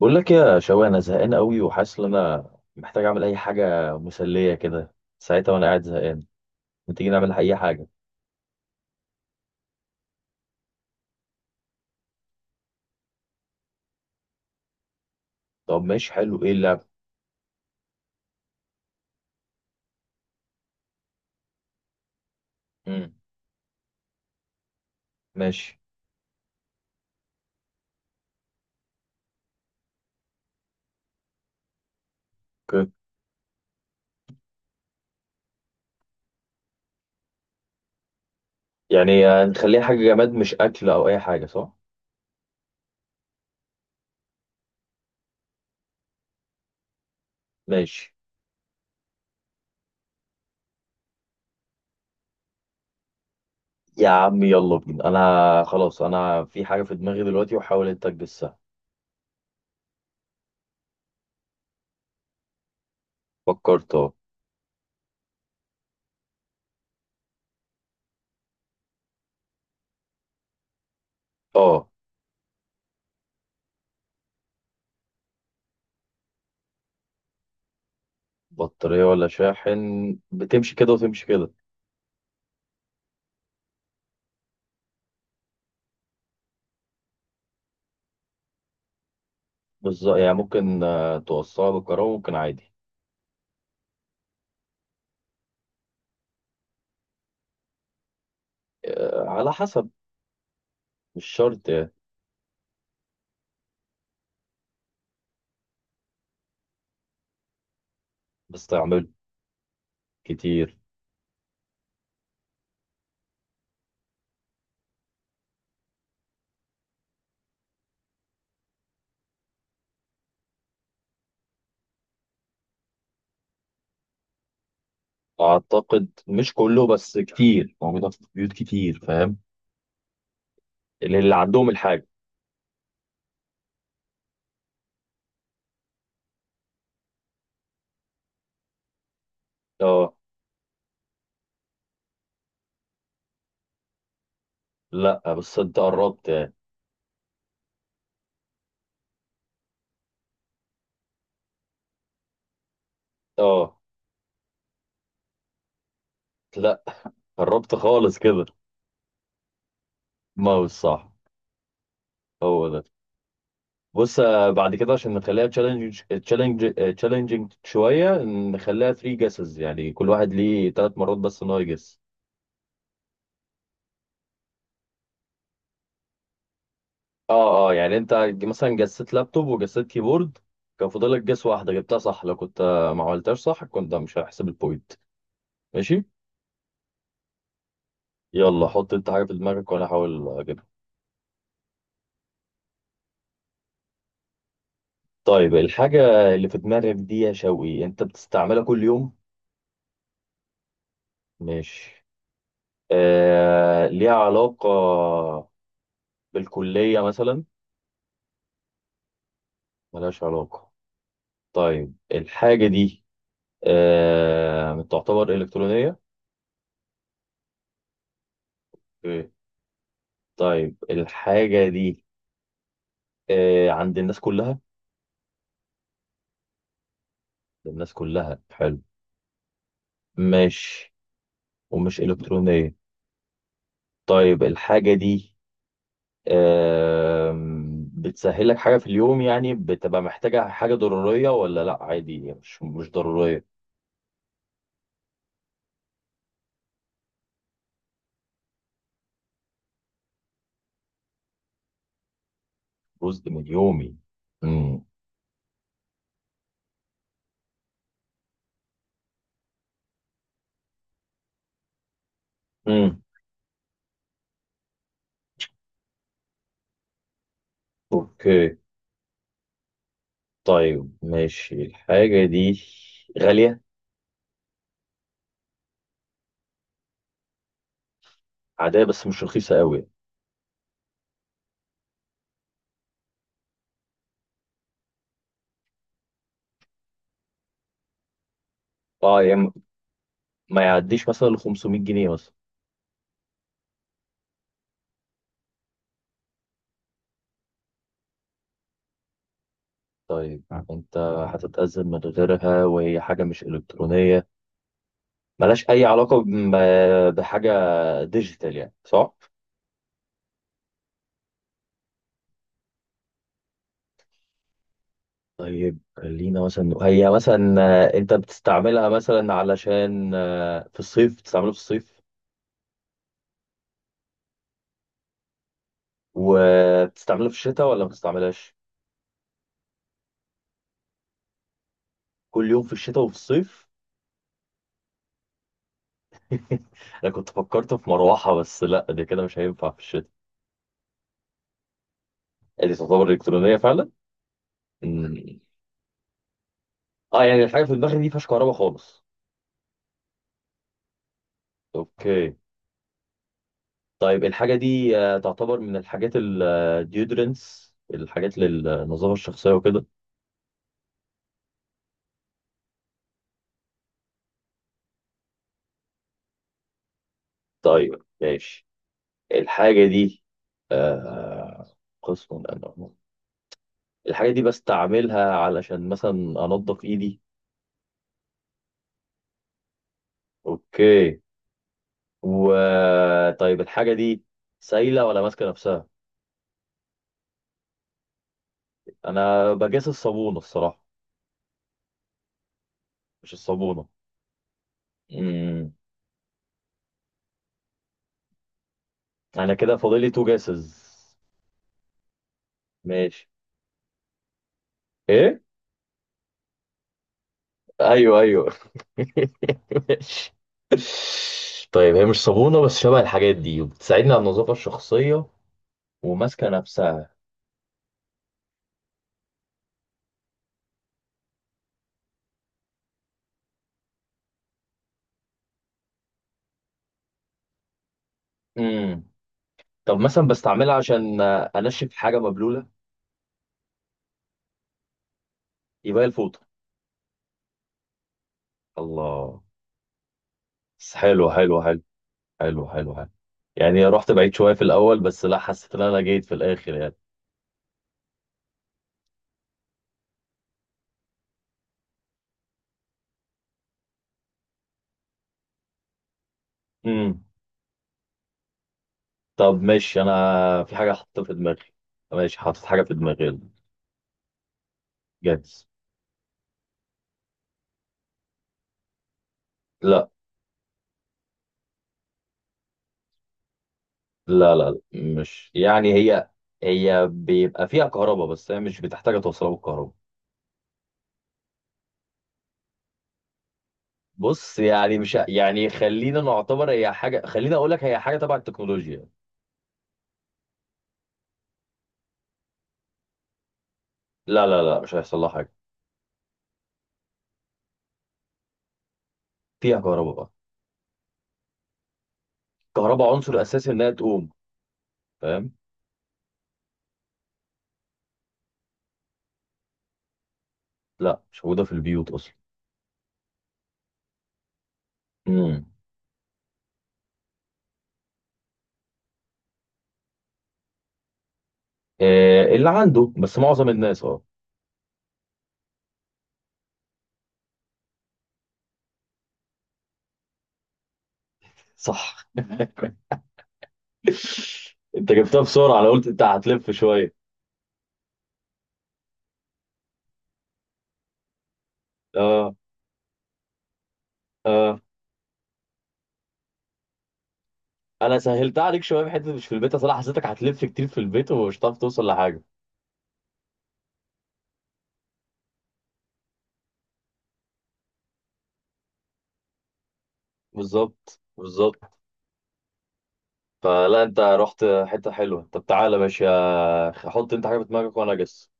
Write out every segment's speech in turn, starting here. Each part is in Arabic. بقول لك يا شوقي، انا زهقان قوي وحاسس ان انا محتاج اعمل اي حاجه مسليه كده ساعتها وانا قاعد زهقان. ما تيجي نعمل اي حاجه؟ طب ماشي، حلو. ايه اللعب؟ امم ماشي. اوكي. يعني نخليها حاجه جماد، مش اكل او اي حاجه، صح؟ ماشي. يا عم يلا بينا، انا خلاص، انا في حاجه في دماغي دلوقتي وحاول انت تجسها. فكرت، اه. اه. بطاريه ولا شاحن، بتمشي كده وتمشي كده. بالظبط، يعني ممكن توصلها بالكهرباء، ممكن عادي. على حسب، مش شرط يعني. بستعمله كتير. اعتقد مش كله بس كتير، موجوده في بيوت كتير، فاهم؟ اللي عندهم الحاجه. اه. لا بس انت قربت يعني. اه. لا، قربت خالص كده. ماوس، صح. هو ده. بص، بعد كده عشان نخليها تشالنجينج شويه، نخليها 3 جيسز، يعني كل واحد ليه 3 مرات بس ان هو يجس. اه، اه. يعني انت مثلا جسيت لابتوب وجسيت كيبورد، كان فاضلك جس واحده، جبتها صح. لو كنت ما عملتهاش صح كنت مش هحسب البوينت. ماشي. يلا، حط انت حاجة في دماغك وانا احاول اجيبها. طيب الحاجة اللي في دماغك دي يا شوقي، انت بتستعملها كل يوم؟ ماشي. ليها علاقة بالكلية مثلا؟ ملهاش علاقة. طيب الحاجة دي تعتبر إلكترونية؟ ايه. طيب الحاجة دي عند الناس كلها؟ عند الناس كلها. حلو، ماشي. ومش إلكترونية. طيب الحاجة دي، بتسهل لك حاجة في اليوم؟ يعني بتبقى محتاجة حاجة، ضرورية ولا لا؟ عادي، مش ضرورية. جزء من يومي. امم امم اوكي. طيب ماشي. الحاجة دي غالية؟ عادية بس مش رخيصة قوي. اه يعني ما يعديش مثلا ل 500 جنيه مثلا. طيب، انت هتتأذى من غيرها وهي حاجة مش إلكترونية، ملهاش أي علاقة بحاجة ديجيتال يعني، صح؟ طيب خلينا مثلا، هي مثلا انت بتستعملها مثلا علشان في الصيف، بتستعملها في الصيف. وبتستعملها في الشتاء ولا ما بتستعملهاش؟ كل يوم في الشتاء وفي الصيف. انا كنت فكرت في مروحة بس لا، دي كده مش هينفع في الشتاء. دي تعتبر الكترونية فعلا. مم. اه يعني الحاجة في دماغي دي مفيهاش كهرباء خالص. اوكي. طيب الحاجة دي تعتبر من الحاجات الديودرنس، الحاجات للنظافة الشخصية وكده. طيب ماشي. الحاجة دي آه قسم أنه الحاجة دي بستعملها علشان مثلا أنضف إيدي. أوكي. و طيب الحاجة دي سايلة ولا ماسكة نفسها؟ أنا بجاس الصابونة الصراحة. مش الصابونة. امم أنا كده فاضلي تو جاسز. ماشي. إيه. أيوه، أيوه. ماشي. طيب هي مش صابونة بس شبه الحاجات دي وبتساعدني على النظافة الشخصية، وماسكة نفسها. امم طب مثلا بستعملها عشان انشف حاجه مبلوله. يبقى هي الفوطه. الله، بس حلو حلو حلو حلو حلو حلو. يعني رحت بعيد شويه في الاول بس لا، حسيت ان انا جيت في الاخر يعني. امم طب ماشي، انا في حاجه حاططها في دماغي. ماشي، حاطط حاجه في دماغي، يلا. جاهز. لا، لا، لا، لا، مش يعني هي بيبقى فيها كهرباء، بس هي مش بتحتاج توصلها بالكهرباء. بص يعني، مش ه- يعني خلينا نعتبر هي حاجه، خلينا اقول لك هي حاجه تبع التكنولوجيا. لا، لا، لا، مش هيحصل لها حاجه. فيها كهرباء بقى. كهرباء عنصر اساسي انها تقوم، فاهم. لا، مش موجوده في البيوت اصلا. امم آه، اللي عنده بس معظم الناس. اه، صح. انت جبتها بسرعه، انا قلت انت هتلف شويه. اه، اه. انا سهلتها عليك شويه بحته مش في البيت، اصل انا حسيتك هتلف كتير في البيت ومش هتعرف توصل لحاجه. بالظبط، بالظبط. فلا، انت رحت حته حلوه. طب تعالى ماشي، حط انت حاجه في دماغك وانا اجس.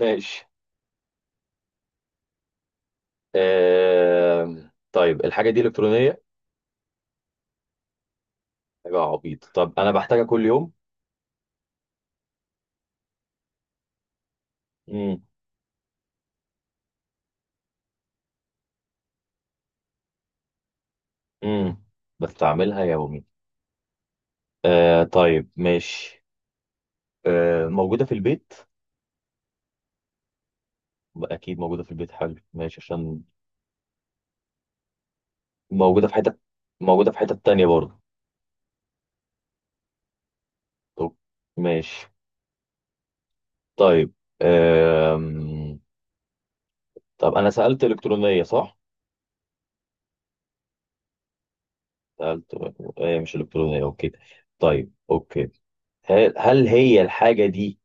ماشي. طيب الحاجه دي الكترونيه؟ حاجة عبيط، طب أنا بحتاجها كل يوم؟ امم امم بستعملها يومي. طيب ماشي. موجودة في البيت؟ أكيد موجودة في البيت. حلو، ماشي، عشان موجودة في حتة، موجودة في حتة تانية برضه. طب ماشي. طيب، آم... طب أنا سألت إلكترونية، صح؟ سألت هي مش إلكترونية، أوكي. طيب أوكي، هل هي الحاجة دي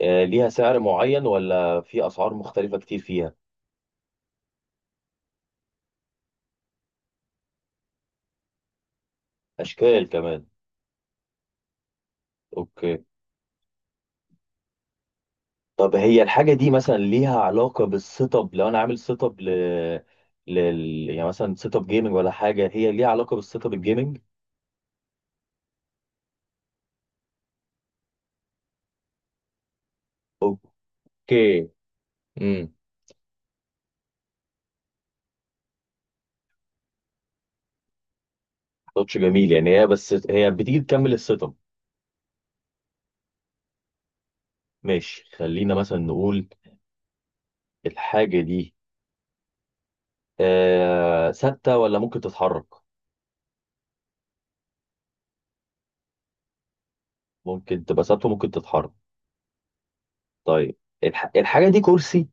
ليها سعر معين ولا في أسعار مختلفة كتير فيها؟ أشكال كمان. أوكي. طب هي الحاجة دي مثلا ليها علاقة بالسيت اب؟ لو أنا عامل سيت اب لل يعني مثلا سيت اب جيمنج ولا حاجة، هي ليها علاقة بالسيت اب الجيمنج؟ اوكي. امم تاتش جميل يعني، هي بس هي بتيجي تكمل السيت اب. ماشي، خلينا مثلا نقول الحاجة دي ثابتة ولا ممكن تتحرك؟ ممكن تبقى ثابتة، ممكن تتحرك. طيب الحاجة دي كرسي،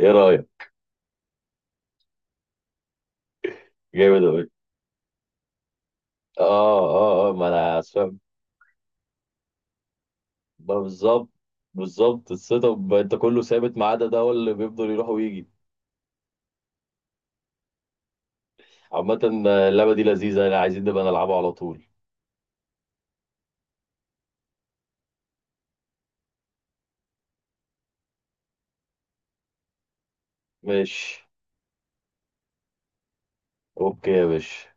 ايه رأيك؟ جامد أوي. اه، اه، اه، ما انا. بالظبط، بالظبط. السيت اب انت كله ثابت ما عدا ده، هو اللي بيفضل يروح ويجي. عامة، اللعبة دي لذيذة يعني، عايزين نبقى نلعبها على طول. ماشي. اوكي يا باشا.